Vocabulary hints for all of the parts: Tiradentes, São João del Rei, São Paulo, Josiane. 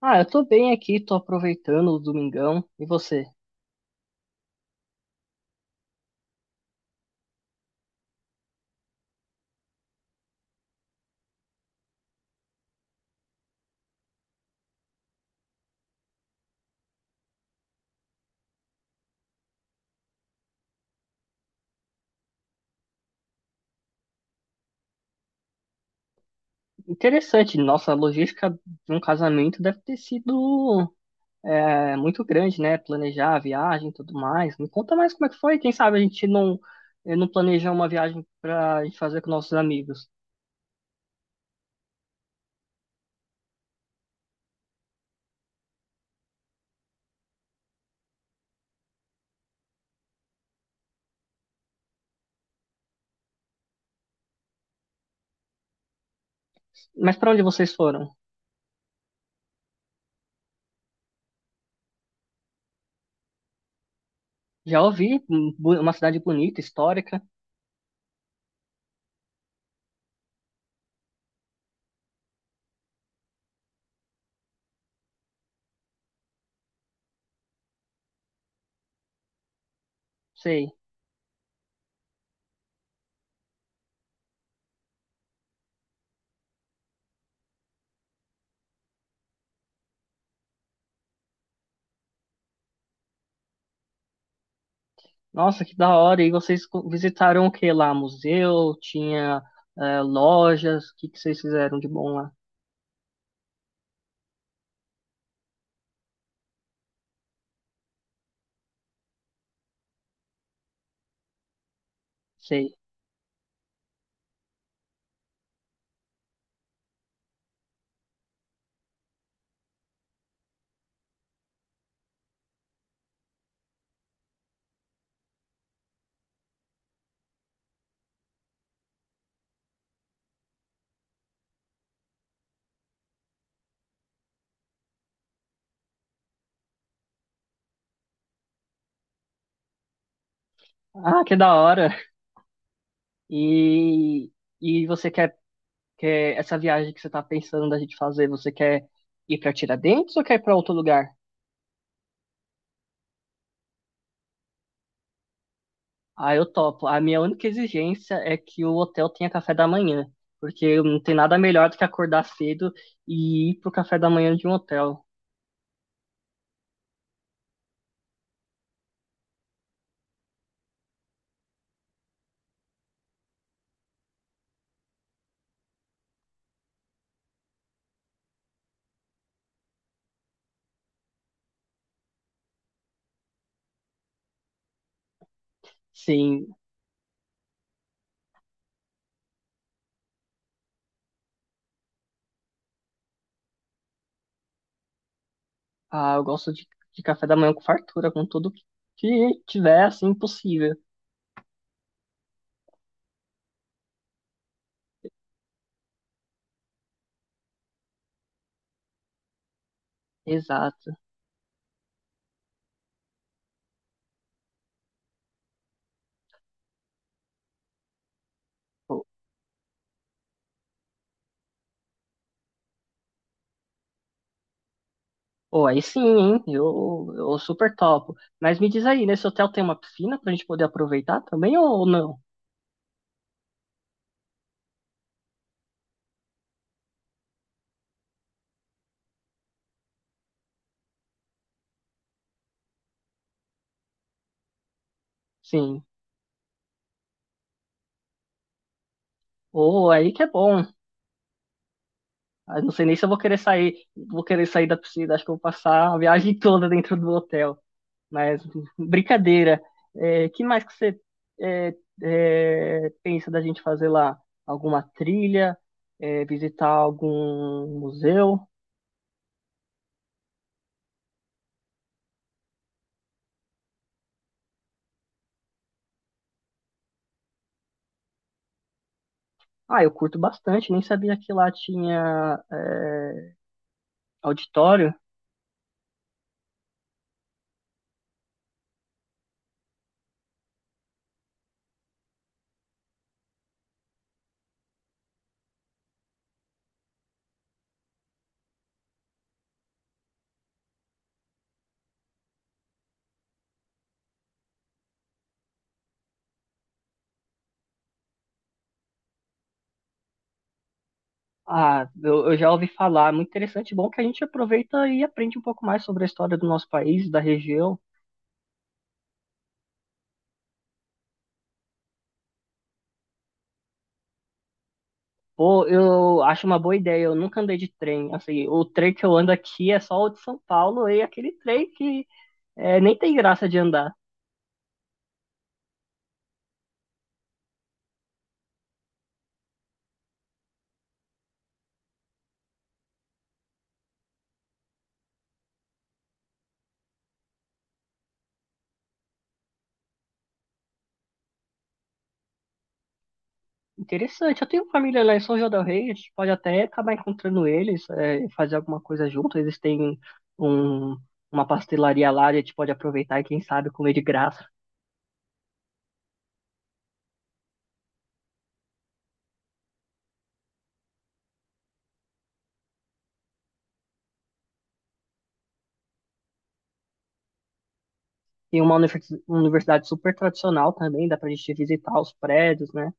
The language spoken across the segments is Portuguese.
Ah, eu tô bem aqui, tô aproveitando o domingão. E você? Interessante, nossa, a logística de um casamento deve ter sido muito grande, né? Planejar a viagem e tudo mais. Me conta mais como é que foi. Quem sabe a gente não planeja uma viagem pra gente fazer com nossos amigos. Mas pra onde vocês foram? Já ouvi, um, uma cidade bonita, histórica. Sei. Nossa, que da hora. E vocês visitaram o que lá? Museu? Tinha lojas? O que que vocês fizeram de bom lá? Sei. Ah, que da hora. E, e você quer, quer essa viagem que você tá pensando da gente fazer, você quer ir pra Tiradentes ou quer ir pra outro lugar? Ah, eu topo. A minha única exigência é que o hotel tenha café da manhã, porque não tem nada melhor do que acordar cedo e ir pro café da manhã de um hotel. Sim, ah, eu gosto de café da manhã com fartura, com tudo que tiver, assim, possível. Exato. Pô, aí sim, hein? Eu super topo. Mas me diz aí, nesse hotel tem uma piscina pra gente poder aproveitar também ou não? Sim. Ou aí que é bom. Ah, não sei nem se eu vou querer sair da piscina. Acho que eu vou passar a viagem toda dentro do hotel. Mas brincadeira. É, que mais que você é, pensa da gente fazer lá? Alguma trilha? É, visitar algum museu? Ah, eu curto bastante. Nem sabia que lá tinha auditório. Ah, eu já ouvi falar, muito interessante, bom que a gente aproveita e aprende um pouco mais sobre a história do nosso país, da região. Pô, eu acho uma boa ideia, eu nunca andei de trem, assim, o trem que eu ando aqui é só o de São Paulo e aquele trem que é, nem tem graça de andar. Interessante, eu tenho família lá em São João del Rei, a gente pode até acabar encontrando eles, é, e fazer alguma coisa junto, eles têm um, uma pastelaria lá, a gente pode aproveitar e quem sabe comer de graça. Tem uma uma universidade super tradicional também, dá pra gente visitar os prédios, né?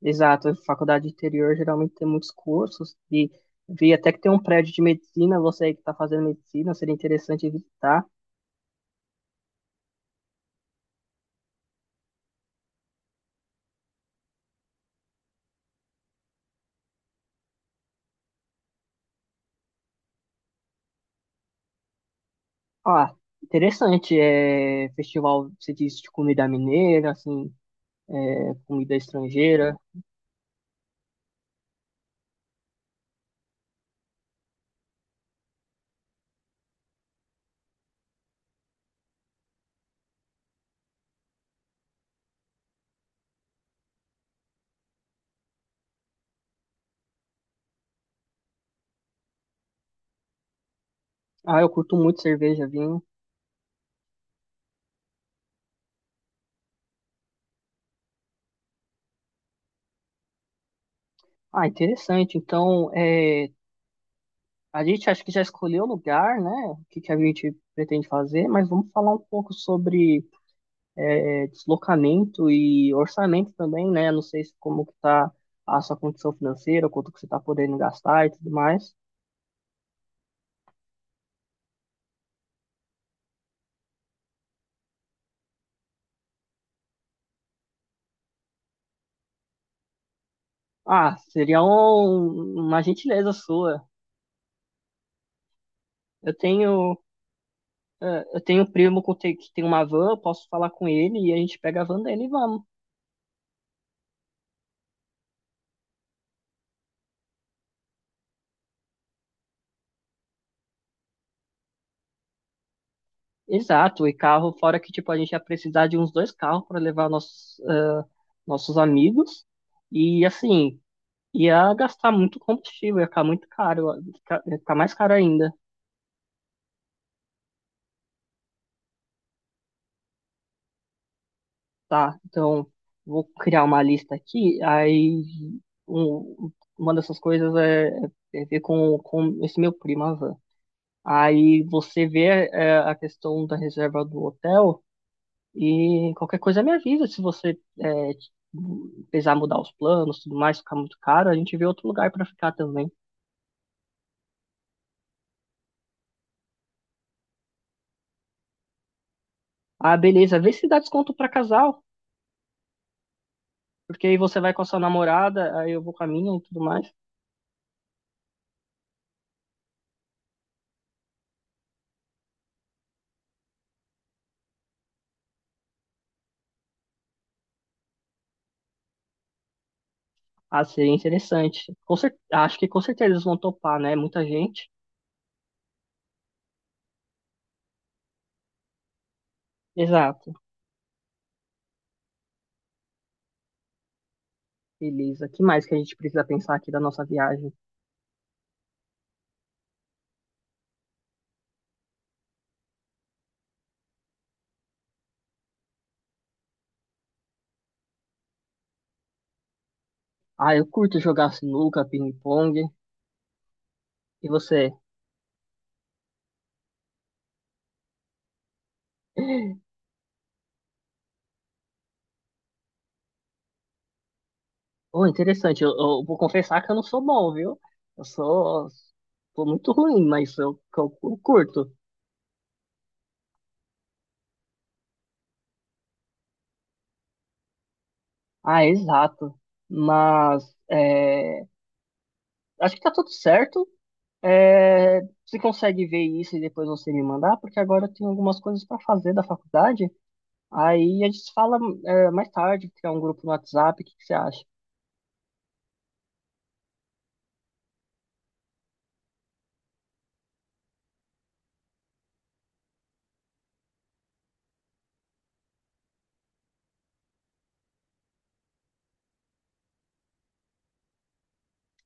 Exato, a faculdade interior geralmente tem muitos cursos e vi até que tem um prédio de medicina, você aí que tá fazendo medicina, seria interessante visitar. Ah, interessante, é festival, você disse, de comida mineira, assim, é, comida estrangeira. Ah, eu curto muito cerveja, vinho. Ah, interessante. Então, é, a gente acho que já escolheu o lugar, né? O que que a gente pretende fazer, mas vamos falar um pouco sobre deslocamento e orçamento também, né? Não sei se como que tá a sua condição financeira, quanto que você tá podendo gastar e tudo mais. Ah, seria uma gentileza sua. Eu tenho, eu tenho um primo que tem uma van, eu posso falar com ele e a gente pega a van dele e vamos. Exato, e carro, fora que tipo a gente ia precisar de uns dois carros para levar nossos amigos. E assim, ia gastar muito combustível, ia ficar muito caro, ia ficar mais caro ainda. Tá, então vou criar uma lista aqui, um- uma dessas coisas é, é ver com esse meu primo, a Van. Aí você vê é, a questão da reserva do hotel e qualquer coisa me avisa se você precisar mudar os planos, tudo mais, ficar muito caro, a gente vê outro lugar pra ficar também. Ah, beleza, vê se dá desconto pra casal, porque aí você vai com a sua namorada, aí eu vou com a minha e tudo mais. Ah, seria interessante. Com cer... Acho que com certeza eles vão topar, né? Muita gente. Exato. Beleza. Que mais que a gente precisa pensar aqui da nossa viagem? Ah, eu curto jogar sinuca, ping-pong. E você? Oh, interessante. Eu vou confessar que eu não sou bom, viu? Eu sou, sou muito ruim, mas eu curto. Ah, exato. Mas é, acho que tá tudo certo. É, você consegue ver isso e depois você me mandar? Porque agora eu tenho algumas coisas para fazer da faculdade. Aí a gente fala, é, mais tarde, criar um grupo no WhatsApp, o que que você acha?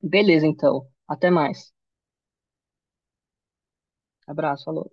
Beleza, então. Até mais. Abraço, falou.